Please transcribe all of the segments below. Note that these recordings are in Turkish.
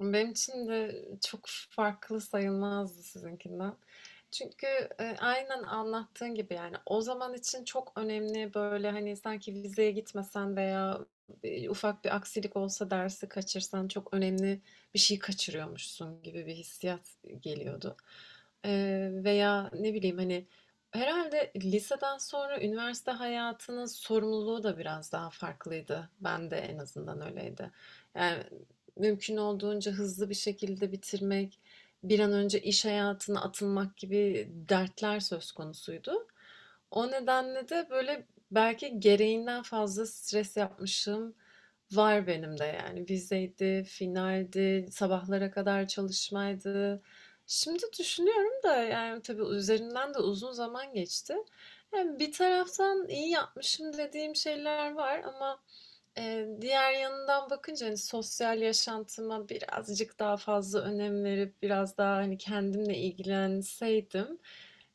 Benim için de çok farklı sayılmazdı sizinkinden. Çünkü, aynen anlattığın gibi, yani, o zaman için çok önemli, böyle, hani, sanki vizeye gitmesen veya, ufak bir aksilik olsa dersi kaçırsan çok önemli bir şey kaçırıyormuşsun gibi bir hissiyat geliyordu. Veya ne bileyim, hani, herhalde liseden sonra üniversite hayatının sorumluluğu da biraz daha farklıydı. Ben de en azından öyleydi. Yani, mümkün olduğunca hızlı bir şekilde bitirmek, bir an önce iş hayatına atılmak gibi dertler söz konusuydu. O nedenle de böyle belki gereğinden fazla stres yapmışım var benim de yani. Vizeydi, finaldi, sabahlara kadar çalışmaydı. Şimdi düşünüyorum da yani tabii üzerinden de uzun zaman geçti. Yani bir taraftan iyi yapmışım dediğim şeyler var ama diğer yanından bakınca, hani, sosyal yaşantıma birazcık daha fazla önem verip biraz daha, hani, kendimle ilgilenseydim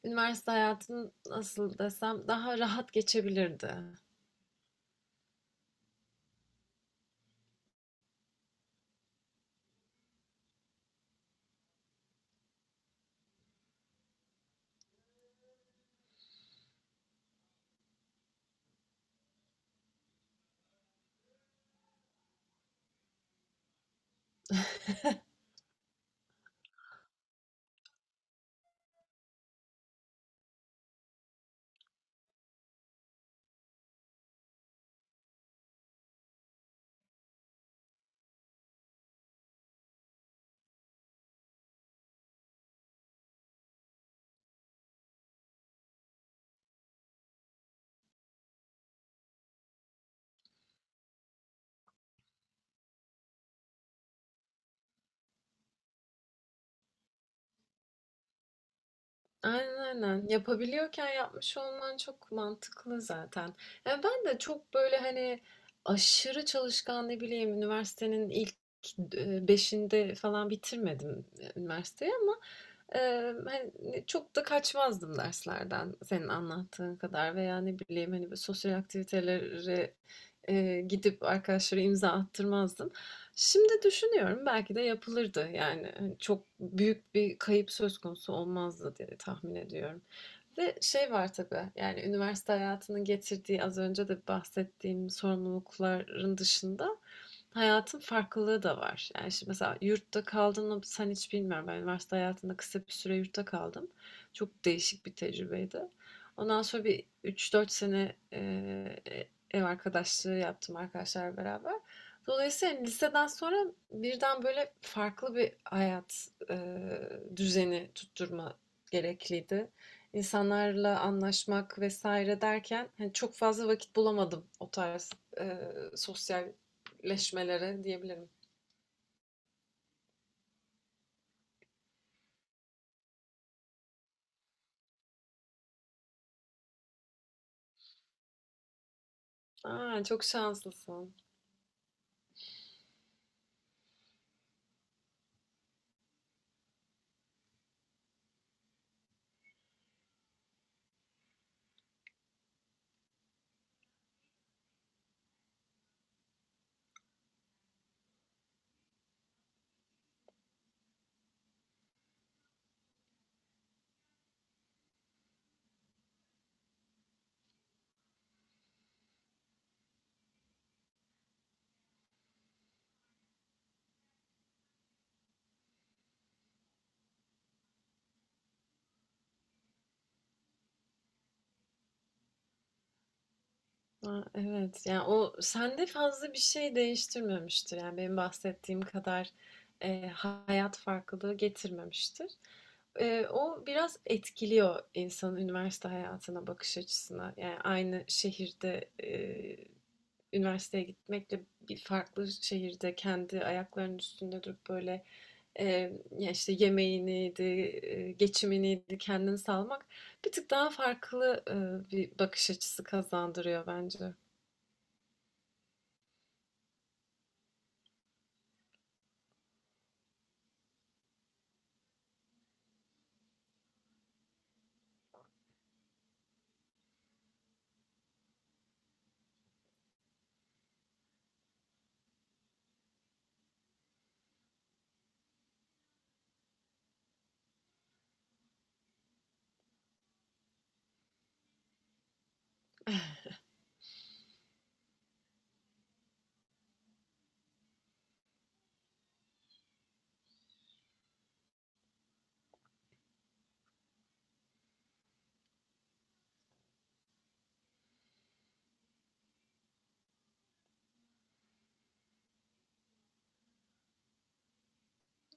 üniversite hayatım nasıl desem daha rahat geçebilirdi. Aynen aynen. Yapabiliyorken yapmış olman çok mantıklı zaten. Ya ben de çok böyle hani aşırı çalışkan ne bileyim üniversitenin ilk beşinde falan bitirmedim üniversiteyi ama e, hani çok da kaçmazdım derslerden senin anlattığın kadar veya ne bileyim hani böyle sosyal aktivitelere gidip arkadaşlara imza attırmazdım. Şimdi düşünüyorum belki de yapılırdı. Yani, hani, çok büyük bir kayıp söz konusu olmazdı diye tahmin ediyorum ve şey var tabii, yani üniversite hayatının getirdiği az önce de bahsettiğim sorumlulukların dışında hayatın farklılığı da var. Yani şimdi mesela yurtta kaldığını sen hiç bilmiyorum. Ben üniversite hayatında kısa bir süre yurtta kaldım. Çok değişik bir tecrübeydi. Ondan sonra bir üç dört sene ev arkadaşlığı yaptım arkadaşlar beraber. Dolayısıyla yani liseden sonra birden böyle farklı bir hayat düzeni tutturma gerekliydi. İnsanlarla anlaşmak vesaire derken hani çok fazla vakit bulamadım o tarz e, sosyal leşmelere diyebilirim. Aa, çok şanslısın. Aa, evet. Yani o sende fazla bir şey değiştirmemiştir. Yani benim bahsettiğim kadar hayat farklılığı getirmemiştir. E, o biraz etkiliyor insanın üniversite hayatına bakış açısına. Yani aynı şehirde üniversiteye gitmekle bir farklı şehirde kendi ayaklarının üstünde durup böyle e, ya işte yemeğiniydi, geçiminiydi kendini sağlamak bir tık daha farklı bir bakış açısı kazandırıyor bence.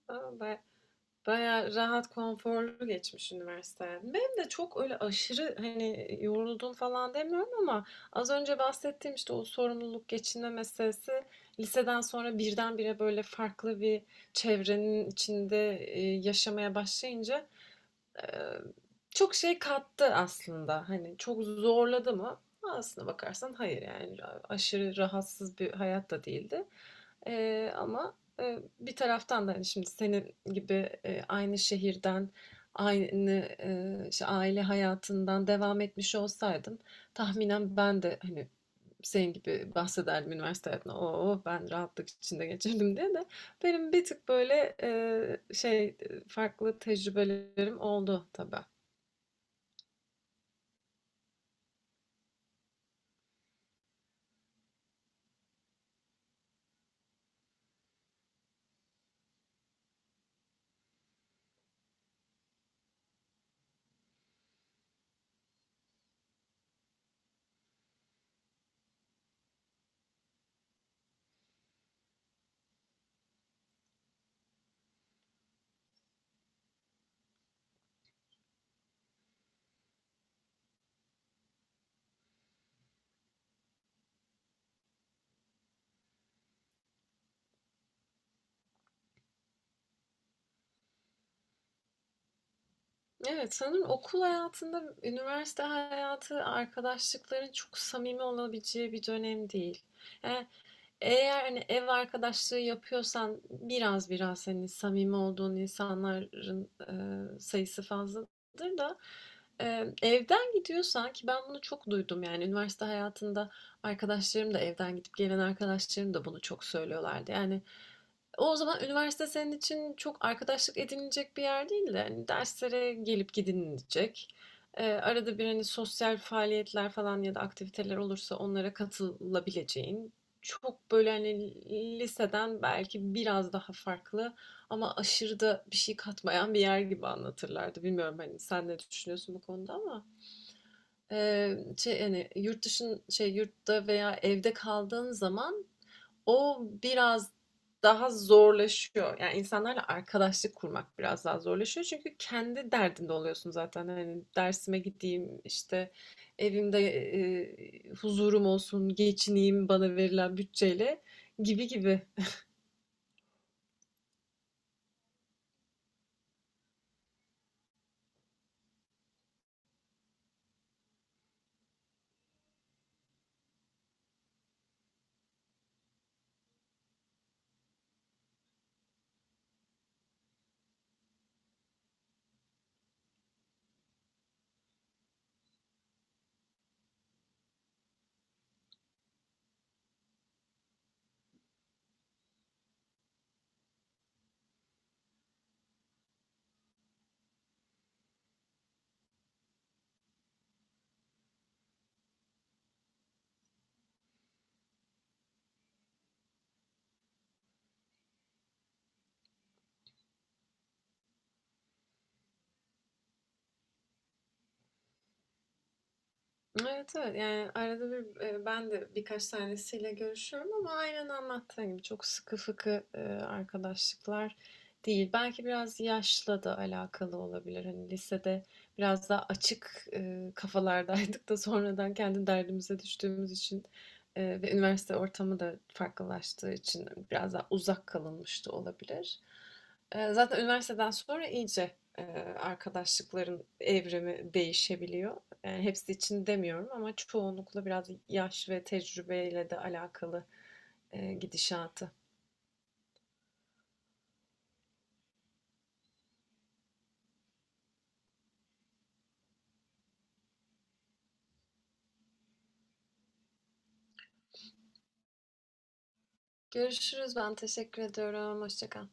Aa, ve bayağı rahat, konforlu geçmiş üniversite hayatım. Benim de çok öyle aşırı hani yoruldum falan demiyorum ama az önce bahsettiğim işte o sorumluluk geçinme meselesi liseden sonra birdenbire böyle farklı bir çevrenin içinde yaşamaya başlayınca Eee, çok şey kattı aslında. Hani çok zorladı mı? Aslına bakarsan hayır yani aşırı rahatsız bir hayat da değildi. Ama bir taraftan da hani şimdi senin gibi aynı şehirden, aynı işte aile hayatından devam etmiş olsaydım tahminen ben de hani senin gibi bahsederdim üniversite hayatına. Oo ben rahatlık içinde geçirdim diye de benim bir tık böyle farklı tecrübelerim oldu tabii. Evet sanırım okul hayatında üniversite hayatı arkadaşlıkların çok samimi olabileceği bir dönem değil. Yani eğer hani ev arkadaşlığı yapıyorsan biraz hani samimi olduğun insanların sayısı fazladır da evden gidiyorsan ki ben bunu çok duydum yani üniversite hayatında arkadaşlarım da evden gidip gelen arkadaşlarım da bunu çok söylüyorlardı. Yani o zaman üniversite senin için çok arkadaşlık edinilecek bir yer değil de hani derslere gelip gidinilecek. Arada bir hani sosyal faaliyetler falan ya da aktiviteler olursa onlara katılabileceğin, çok böyle hani liseden belki biraz daha farklı ama aşırı da bir şey katmayan bir yer gibi anlatırlardı. Bilmiyorum hani sen ne düşünüyorsun bu konuda ama e, şey hani yurt dışın şey yurtta veya evde kaldığın zaman o biraz daha zorlaşıyor. Yani insanlarla arkadaşlık kurmak biraz daha zorlaşıyor. Çünkü kendi derdinde oluyorsun zaten. Hani dersime gideyim, işte evimde huzurum olsun, geçineyim bana verilen bütçeyle gibi gibi. Evet evet yani arada bir ben de birkaç tanesiyle görüşüyorum ama aynen anlattığın gibi çok sıkı fıkı arkadaşlıklar değil. Belki biraz yaşla da alakalı olabilir. Hani lisede biraz daha açık kafalardaydık da sonradan kendi derdimize düştüğümüz için ve üniversite ortamı da farklılaştığı için biraz daha uzak kalınmış da olabilir. E, zaten üniversiteden sonra iyice e, arkadaşlıkların evrimi değişebiliyor. Yani hepsi için demiyorum ama çoğunlukla biraz yaş ve tecrübeyle de alakalı, gidişatı. Görüşürüz. Ben teşekkür ediyorum. Hoşça kal.